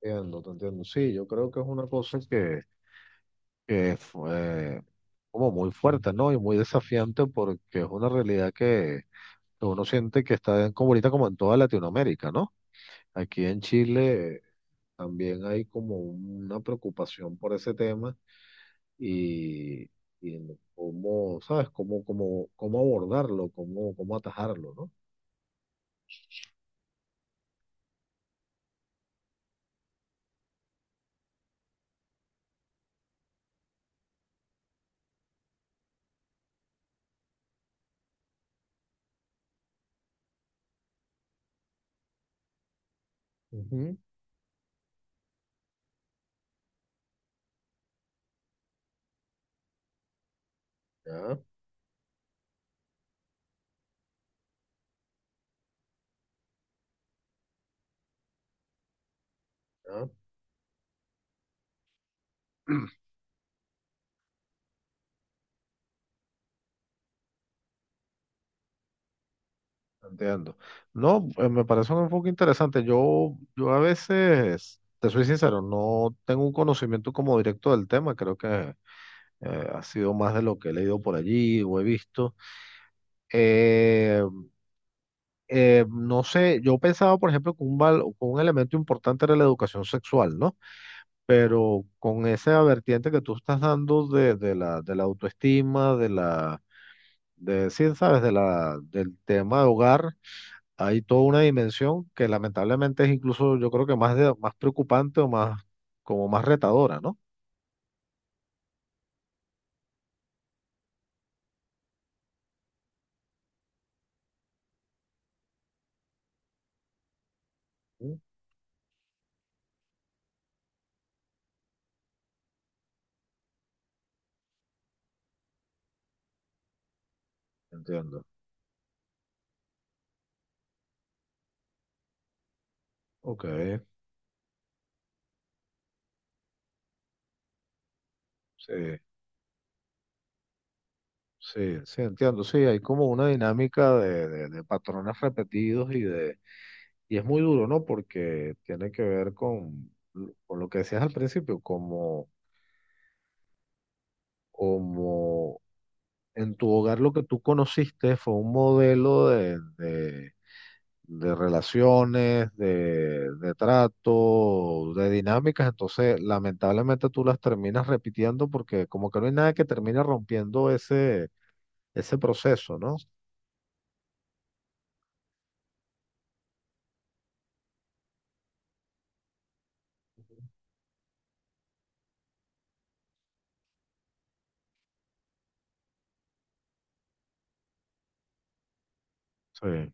Entiendo, te entiendo. Sí, yo creo que es una cosa que fue como muy fuerte, ¿no? Y muy desafiante porque es una realidad que uno siente que está en- como ahorita como en toda Latinoamérica, ¿no? Aquí en Chile también hay como una preocupación por ese tema y, y en cómo, ¿sabes? Cómo abordarlo, cómo atajarlo, ¿no? Ujú. Ya, ya. Entiendo. No, me parece un enfoque interesante. Yo a veces, te soy sincero, no tengo un conocimiento como directo del tema. Creo que ha sido más de lo que he leído por allí o he visto. Eh, no sé, yo pensaba, por ejemplo, que que un elemento importante era la educación sexual, ¿no? Pero con esa vertiente que tú estás dando de la autoestima, sí, sabes, del tema de hogar. Hay toda una dimensión que lamentablemente es incluso, yo creo que más, más preocupante o más, como más retadora, ¿no? Mm. Entiendo. Ok, sí, sí, sí, entiendo. Sí, hay como una dinámica de patrones repetidos y de, y es muy duro, ¿no? Porque tiene que ver con lo que decías al principio, como, como en tu hogar lo que tú conociste fue un modelo de relaciones, de trato, de dinámicas, entonces lamentablemente tú las terminas repitiendo porque como que no hay nada que termine rompiendo ese, ese proceso, ¿no? Sí.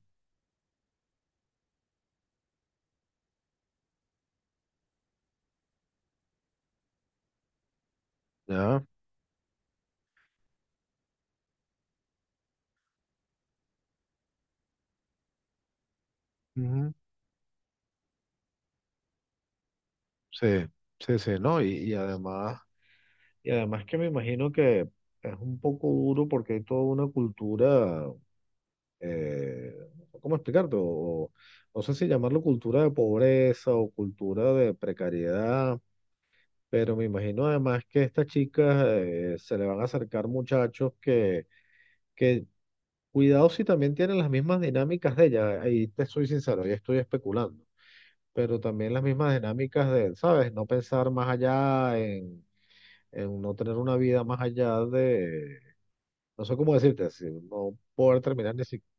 ¿Ya? Ujú. Sí, sí, sí, ¿no? Y además que me imagino que es un poco duro porque hay toda una cultura. No, ¿cómo explicarte? O, no sé si llamarlo cultura de pobreza o cultura de precariedad, pero me imagino además que a estas chicas se le van a acercar muchachos que, cuidado si también tienen las mismas dinámicas de ellas, ahí te soy sincero, ya estoy especulando, pero también las mismas dinámicas de, ¿sabes? No pensar más allá en no tener una vida más allá de, no sé cómo decirte, así, no poder terminar ni siquiera.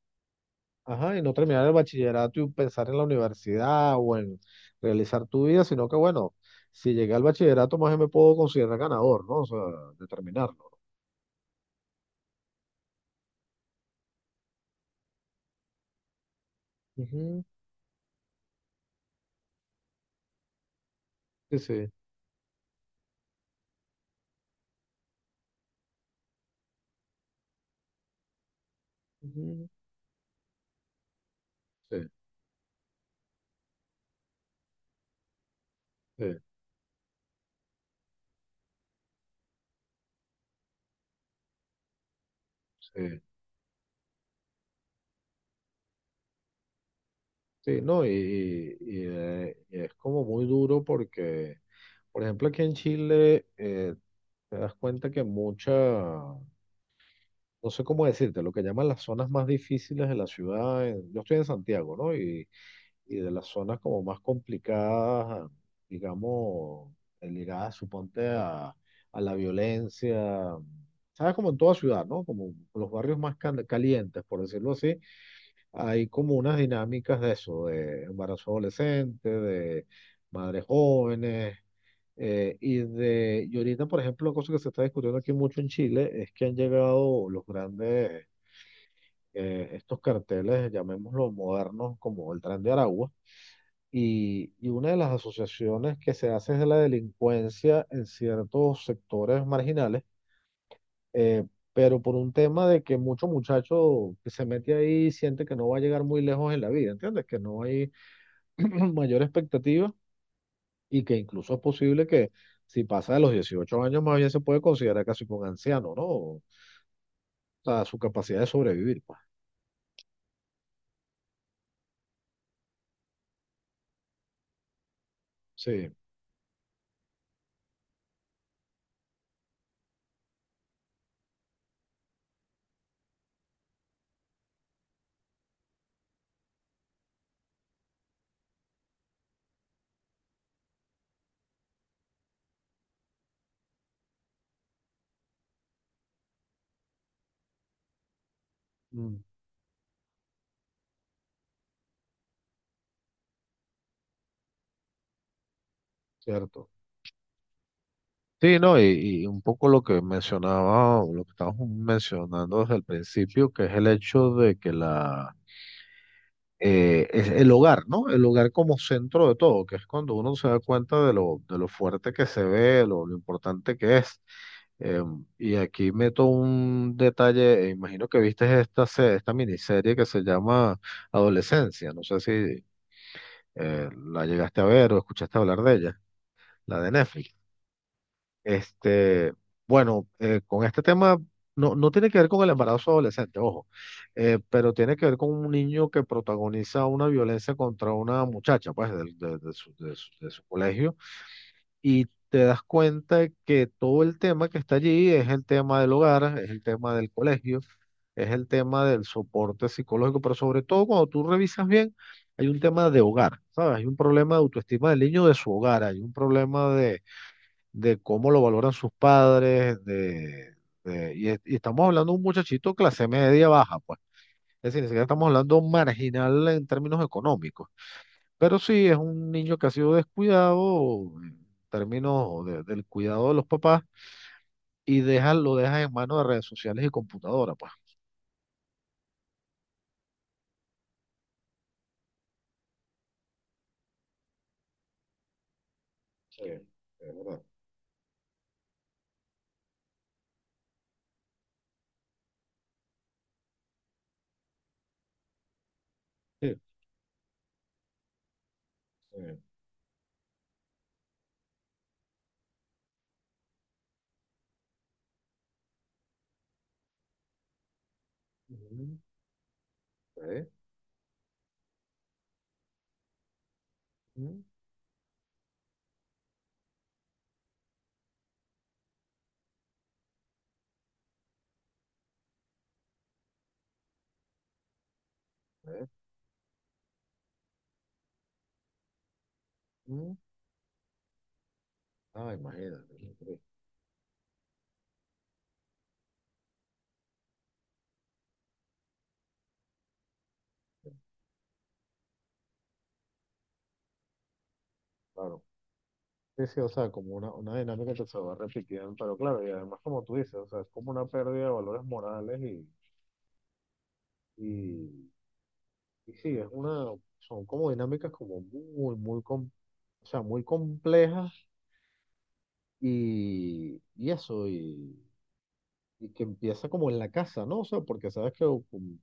Ajá, y no terminar el bachillerato y pensar en la universidad o en realizar tu vida, sino que bueno, si llegué al bachillerato, más bien me puedo considerar ganador, ¿no? O sea, de terminarlo. Ujú. Sí, sí, ujú, sí, sí, sí, sí, no, y es como muy duro porque, por ejemplo, aquí en Chile te das cuenta que mucha, no sé cómo decirte, lo que llaman las zonas más difíciles de la ciudad, en- yo estoy en Santiago, ¿no? Y de las zonas como más complicadas, digamos, ligadas, suponte, a la violencia, ¿sabes? Como en toda ciudad, ¿no? Como los barrios más cal- calientes, por decirlo así, hay como unas dinámicas de eso, de embarazo adolescente, de madres jóvenes. Y de, y ahorita, por ejemplo, una cosa que se está discutiendo aquí mucho en Chile es que han llegado los grandes, estos carteles, llamémoslo modernos, como el Tren de Aragua, y una de las asociaciones que se hace es de la delincuencia en ciertos sectores marginales, eh, pero por un tema de que mucho muchacho que se mete ahí siente que no va a llegar muy lejos en la vida, ¿entiendes? Que no hay mayor expectativa y que incluso es posible que si pasa de los 18 años más bien se puede considerar casi como un anciano, ¿no? O sea, su capacidad de sobrevivir, pues. Sí, mm, cierto. Sí, no, y un poco lo que mencionaba, o lo que estábamos mencionando desde el principio, que es el hecho de que la, es el hogar, ¿no? El hogar como centro de todo, que es cuando uno se da cuenta de lo fuerte que se ve, lo importante que es. Eh, y aquí meto un detalle, imagino que viste esta miniserie que se llama Adolescencia, no sé si la llegaste a ver o escuchaste hablar de ella, la de Netflix. Este, bueno, con este tema no, no tiene que ver con el embarazo adolescente, ojo, pero tiene que ver con un niño que protagoniza una violencia contra una muchacha, pues, de su, de su colegio, y te das cuenta que todo el tema que está allí es el tema del hogar, es el tema del colegio, es el tema del soporte psicológico, pero sobre todo cuando tú revisas bien, hay un tema de hogar, ¿sabes? Hay un problema de autoestima del niño de su hogar, hay un problema de cómo lo valoran sus padres, de, y estamos hablando de un muchachito clase media baja, pues. Es decir, ni siquiera estamos hablando marginal en términos económicos, pero sí es un niño que ha sido descuidado en términos del cuidado de los papás y deja, lo deja en manos de redes sociales y computadora, pues. Sí, es verdad. Sí. Sí. Ujú, sí, ujú, sí, ujú. Ah, imagínate, qué triste. Claro. Sí, sí, o sea, como una dinámica que se va repitiendo, pero claro, y además como tú dices, o sea, es como una pérdida de valores morales y, y sí, es una, son como dinámicas como muy, o sea, muy complejas y eso, y que empieza como en la casa, ¿no? O sea, porque sabes que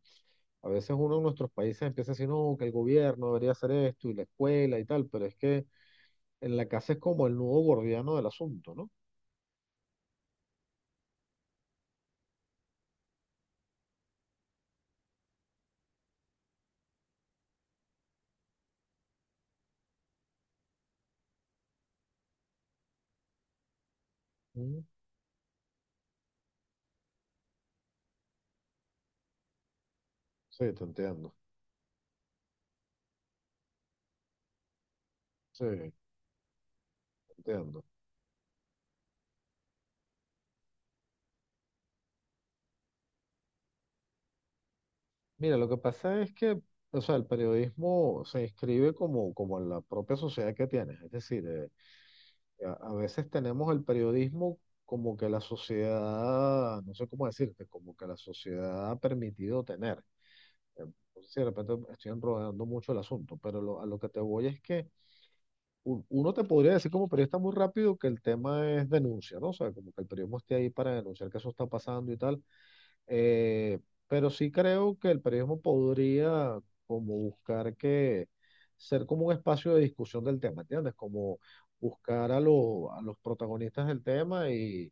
a veces uno en nuestros países empieza a decir, no, que el gobierno debería hacer esto y la escuela y tal, pero es que en la casa es como el nudo gordiano del asunto, ¿no? Mm. Sí, te entiendo. Sí. Entiendo. Mira, lo que pasa es que, o sea, el periodismo se inscribe como, como en la propia sociedad que tienes. Es decir, a veces tenemos el periodismo como que la sociedad, no sé cómo decirte, como que la sociedad ha permitido tener. Eh, No sé si de repente estoy enredando mucho el asunto, pero a lo que te voy es que uno te podría decir como periodista muy rápido que el tema es denuncia, ¿no? O sea, como que el periodismo esté ahí para denunciar que eso está pasando y tal. Eh, pero sí creo que el periodismo podría como buscar que ser como un espacio de discusión del tema, ¿entiendes? Como los a los protagonistas del tema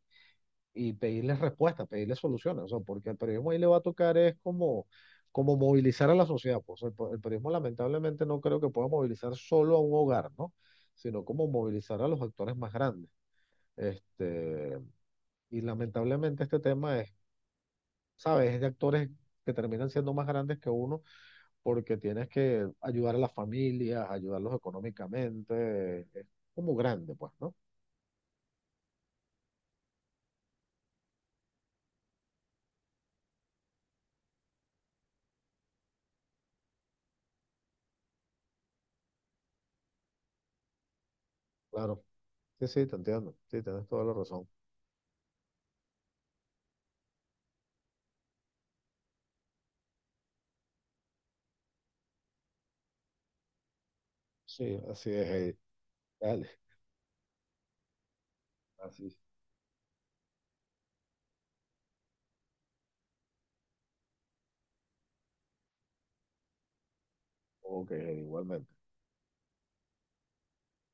y pedirles respuestas, pedirles soluciones, o sea, porque el periodismo ahí le va a tocar es como, como movilizar a la sociedad, pues el periodismo lamentablemente no creo que pueda movilizar solo a un hogar, ¿no? Sino como movilizar a los actores más grandes. Este, y lamentablemente este tema es, ¿sabes? Es de actores que terminan siendo más grandes que uno porque tienes que ayudar a las familias, ayudarlos económicamente. Es como grande, pues, ¿no? Claro. Sí, sí, te entiendo. Sí, tienes toda la razón. Sí, así es, Heidi. Dale. Así. Ok, Heidi, igualmente.